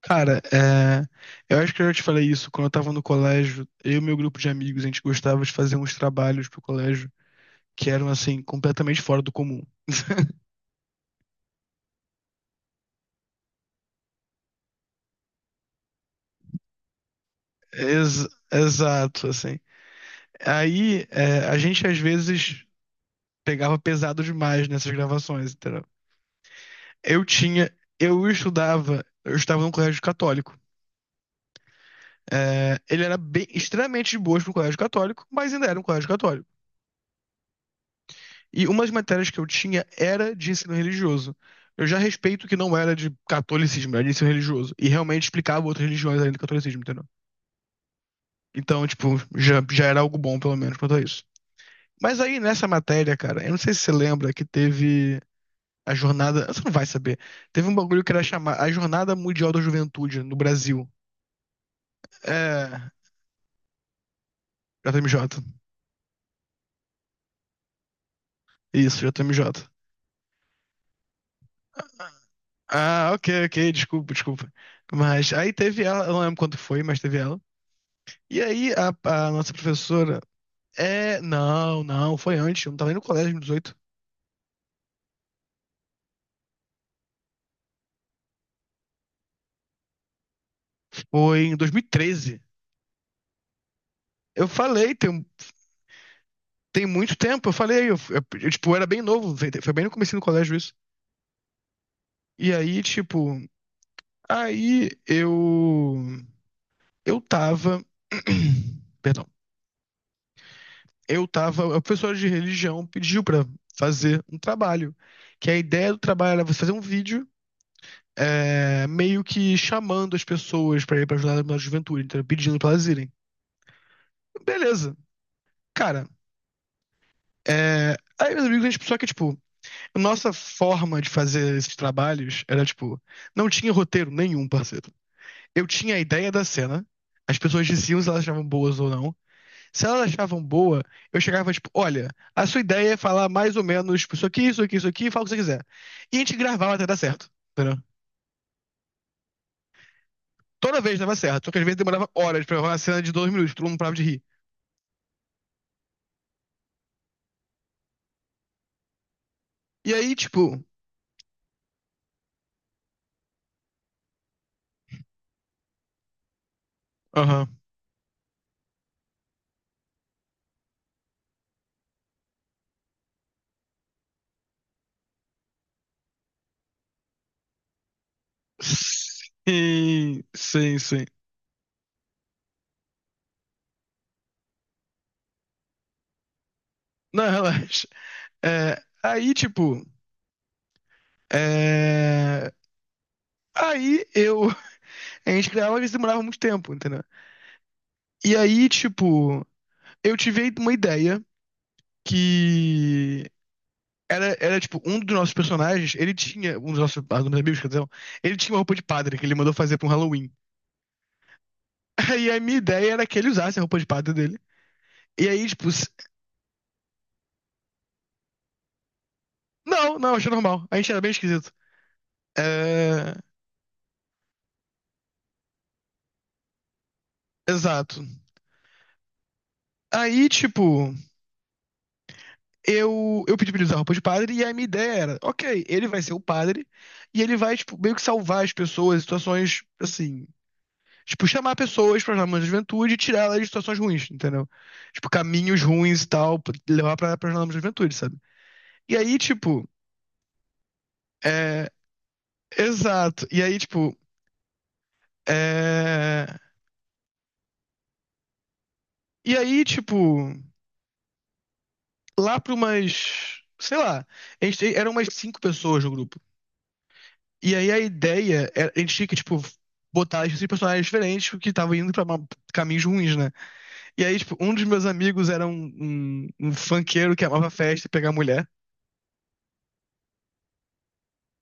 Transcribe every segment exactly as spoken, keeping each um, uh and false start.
Cara, é, eu acho que eu já te falei isso quando eu tava no colégio. Eu e meu grupo de amigos, a gente gostava de fazer uns trabalhos pro colégio que eram, assim, completamente fora do comum. Ex- exato, assim. Aí, é, a gente às vezes pegava pesado demais nessas gravações, entendeu? Eu tinha, eu estudava, eu estava num colégio católico. É, ele era bem, extremamente de boas pro colégio católico, mas ainda era um colégio católico. E uma das matérias que eu tinha era de ensino religioso. Eu já respeito que não era de catolicismo, era de ensino religioso. E realmente explicava outras religiões além do catolicismo, entendeu? Então, tipo, já, já era algo bom, pelo menos, quanto a isso. Mas aí, nessa matéria, cara, eu não sei se você lembra que teve a jornada. Você não vai saber. Teve um bagulho que era chamar a Jornada Mundial da Juventude no Brasil. É. J M J. Isso, J M J. Ah, ok, ok, desculpa, desculpa. Mas aí teve ela, eu não lembro quanto foi, mas teve ela. E aí a, a nossa professora. É, não, não, foi antes, eu não tava nem no colégio em dois mil e dezoito. Foi em dois mil e treze. Eu falei, tem, tem muito tempo, eu falei, eu, eu- eu, tipo, eu era bem novo, foi foi bem no começo do colégio isso. E aí, tipo, aí eu eu tava Perdão. Eu tava, a professora de religião pediu pra fazer um trabalho, que a ideia do trabalho era você fazer um vídeo é, meio que chamando as pessoas pra ir pra ajudar na juventude, então, pedindo pra elas irem. Beleza. Cara, é... aí, meus amigos, a gente só que, tipo, a nossa forma de fazer esses trabalhos era, tipo, não tinha roteiro nenhum, parceiro. Eu tinha a ideia da cena, as pessoas diziam se elas achavam boas ou não. Se elas achavam boa, eu chegava, tipo, olha, a sua ideia é falar mais ou menos tipo, isso aqui, isso aqui, isso aqui, fala o que você quiser. E a gente gravava até dar certo, entendeu? Toda vez dava certo, só que às vezes demorava horas pra gravar uma cena de dois minutos, todo mundo parava de rir. E aí, tipo, aham. Sim, sim, sim. Não, relaxa. É, aí, tipo. é, Aí eu. A gente criava, mas demorava muito tempo, entendeu? E aí, tipo. Eu tive uma ideia que. Era, era, tipo, um dos nossos personagens, ele tinha. Um dos nossos, ah, dos meus amigos, quer dizer, ele tinha uma roupa de padre que ele mandou fazer pra um Halloween. Aí a minha ideia era que ele usasse a roupa de padre dele. E aí, tipo. se- Não, não, achei normal. A gente era bem esquisito. É. Exato. Aí, tipo. eu, eu pedi pra ele usar roupa de padre, e a minha ideia era, ok, ele vai ser o padre, e ele vai, tipo, meio que salvar as pessoas em situações, assim, tipo, chamar pessoas para jornadas da juventude e tirar elas de situações ruins, entendeu? Tipo, caminhos ruins e tal, pra levar pra, pra jornadas da juventude, sabe? E aí, tipo, é, exato, e aí, tipo, é, e aí, tipo, lá pra umas, sei lá, a gente, eram umas cinco pessoas no grupo. E aí a ideia, era, a gente tinha que, tipo, botar esses personagens diferentes porque estavam indo pra ma- caminhos ruins, né? E aí, tipo, um dos meus amigos era um, um, um funkeiro que amava festa e pegar mulher.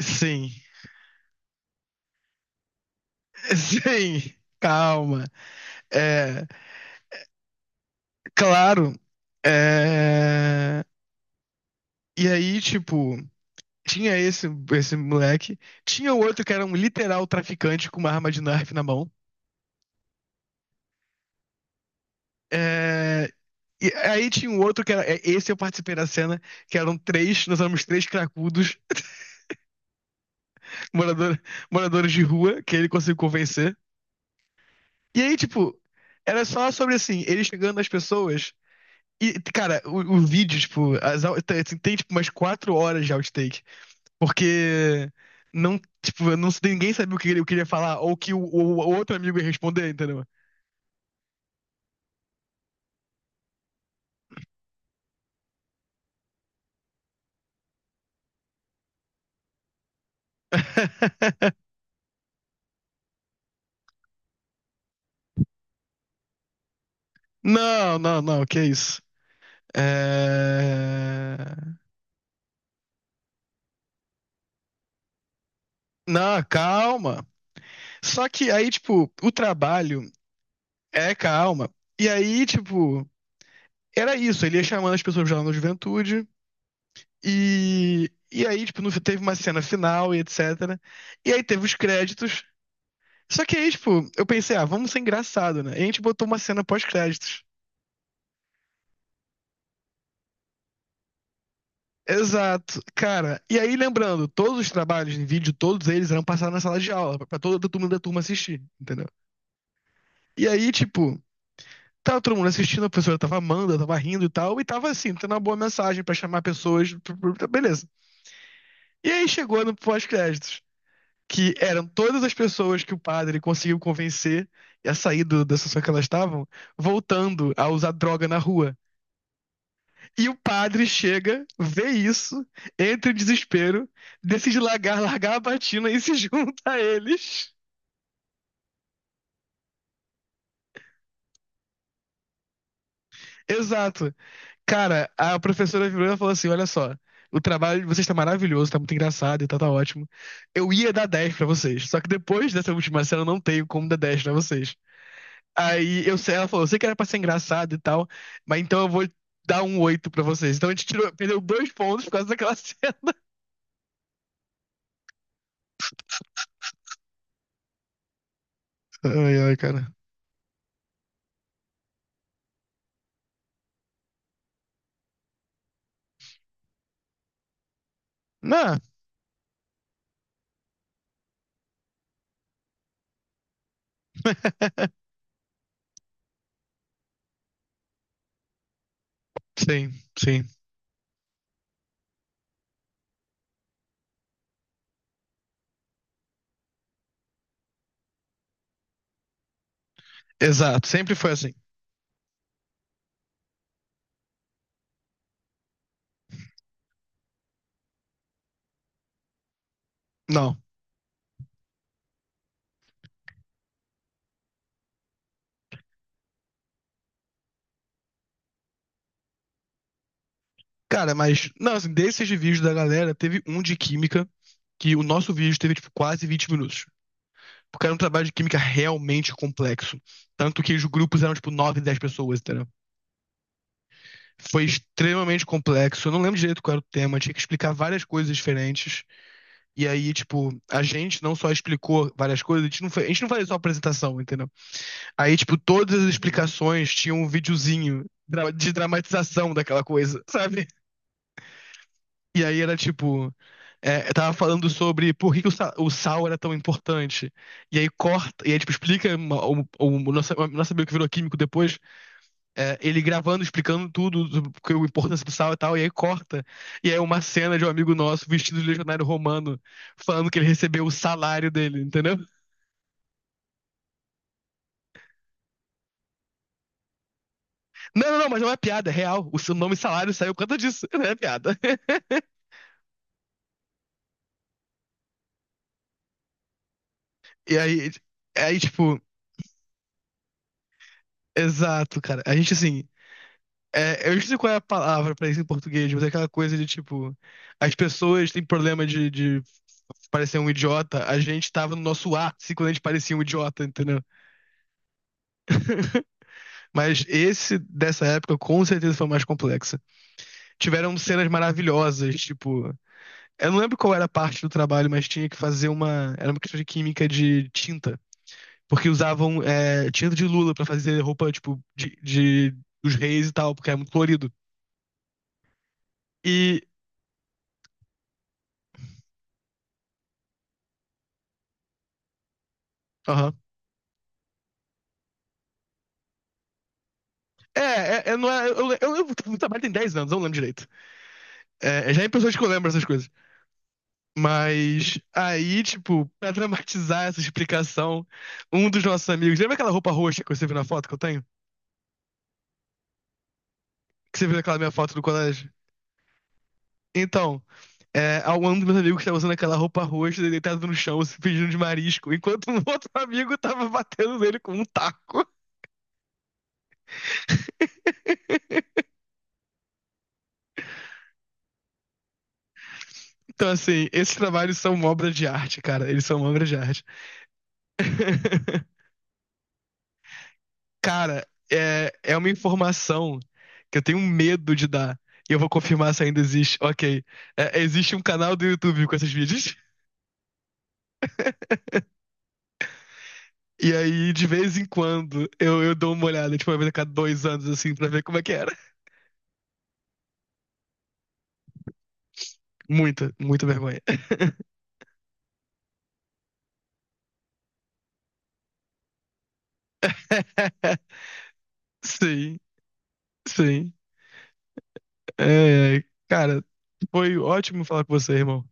Sim, sim, calma. É, Claro. É. E aí, tipo, tinha esse, esse moleque, tinha o outro que era um literal traficante com uma arma de nerf na mão. É, E aí tinha um outro que era. é, Esse eu participei da cena, que eram três, nós éramos três cracudos, morador, moradores de rua, que ele conseguiu convencer. E aí, tipo, era só sobre assim, ele chegando nas pessoas. E, cara, o, o vídeo, tipo, as, au- tem, tem, tipo umas quatro horas de outtake. Porque não, tipo, não, ninguém sabia o que ele, o que ele ia falar, ou o que o, o- o outro amigo ia responder, entendeu? Não, não, não, que isso. É. Não, calma. Só que aí, tipo, o trabalho é calma. E aí, tipo, era isso. Ele ia chamando as pessoas lá na juventude. E, e aí, tipo, no- teve uma cena final e etcétera. E aí teve os créditos. Só que aí, tipo, eu pensei, ah, vamos ser engraçado, né? E a gente botou uma cena pós-créditos. Exato, cara. E aí, lembrando, todos os trabalhos em vídeo, todos eles eram passados na sala de aula, pra toda a turma da turma assistir, entendeu? E aí, tipo, tava todo mundo assistindo, a professora tava amando, tava rindo e tal, e tava assim, tendo uma boa mensagem pra chamar pessoas, pra- pra- pra- beleza. E aí chegou no pós-créditos, que eram todas as pessoas que o padre conseguiu convencer a sair do- da situação que elas estavam, voltando a usar droga na rua. E o padre chega, vê isso, entra em desespero, decide largar, largar a batina e se junta a eles. Exato. Cara, a professora virou e falou assim: olha só, o trabalho de vocês tá maravilhoso, tá muito engraçado e tá, tá ótimo. Eu ia dar dez pra vocês, só que depois dessa última cena eu não tenho como dar dez pra vocês. Aí eu sei, ela falou: eu sei que era pra ser engraçado e tal, mas então eu vou dar um oito pra vocês. Então a gente tirou, perdeu dois pontos por causa daquela cena. Ai, ai, cara. Não. Sim, sim. Exato, sempre foi assim. Não. Cara, mas, não, assim, desses vídeos da galera, teve um de química, que o nosso vídeo teve, tipo, quase vinte minutos. Porque era um trabalho de química realmente complexo. Tanto que os grupos eram, tipo, nove, dez pessoas, entendeu? Foi extremamente complexo. Eu não lembro direito qual era o tema. Tinha que explicar várias coisas diferentes. E aí, tipo, a gente não só explicou várias coisas, a gente não, foi, a gente não fazia só apresentação, entendeu? Aí, tipo, todas as explicações tinham um videozinho de dramatização daquela coisa, sabe? E aí era tipo. É, eu tava falando sobre por que que o, sa- o sal era tão importante. E aí corta, e aí tipo, explica uma- o, o, nosso, o nosso amigo que virou químico depois, é, ele gravando, explicando tudo, sobre o que- a importância do sal e tal, e aí corta. E aí é uma cena de um amigo nosso vestido de legionário romano, falando que ele recebeu o salário dele, entendeu? Não, não, não, mas não é piada, é real. O seu nome salário saiu por conta disso, não é piada. E aí, aí tipo, exato, cara. A gente assim. É, eu não sei qual é a palavra pra isso em português, mas é aquela coisa de tipo, as pessoas têm problema de, de parecer um idiota, a gente tava no nosso ápice quando a gente parecia um idiota, entendeu? Mas esse dessa época com certeza foi o mais complexa. Tiveram cenas maravilhosas, tipo, eu não lembro qual era a parte do trabalho, mas tinha que fazer uma, era uma questão de química de tinta, porque usavam é, tinta de lula pra fazer roupa tipo de, de- dos reis e tal, porque era muito colorido. E, aham. É, é, é, não é. Eu, eu, eu, eu trabalho tem dez anos, eu não lembro direito. É, é, já é em pessoas que eu lembro essas coisas. Mas aí, tipo, pra dramatizar essa explicação, um dos nossos amigos. Lembra aquela roupa roxa que você viu na foto que eu tenho? Que você viu naquela minha foto do colégio? Então, é, um dos meus amigos estava usando aquela roupa roxa, ele deitado no chão, se fingindo de marisco, enquanto um outro amigo tava batendo nele com um taco. Então, assim, esses trabalhos são uma obra de arte, cara. Eles são uma obra de arte. Cara, é, é uma informação que eu tenho medo de dar. E eu vou confirmar se ainda existe. Ok. É, existe um canal do YouTube com esses vídeos. E aí, de vez em quando, eu, eu dou uma olhada, tipo, uma vez a cada dois anos, assim, pra ver como é que era. Muita, muita vergonha. Sim, sim. É, é, é. Cara, foi ótimo falar com você, irmão.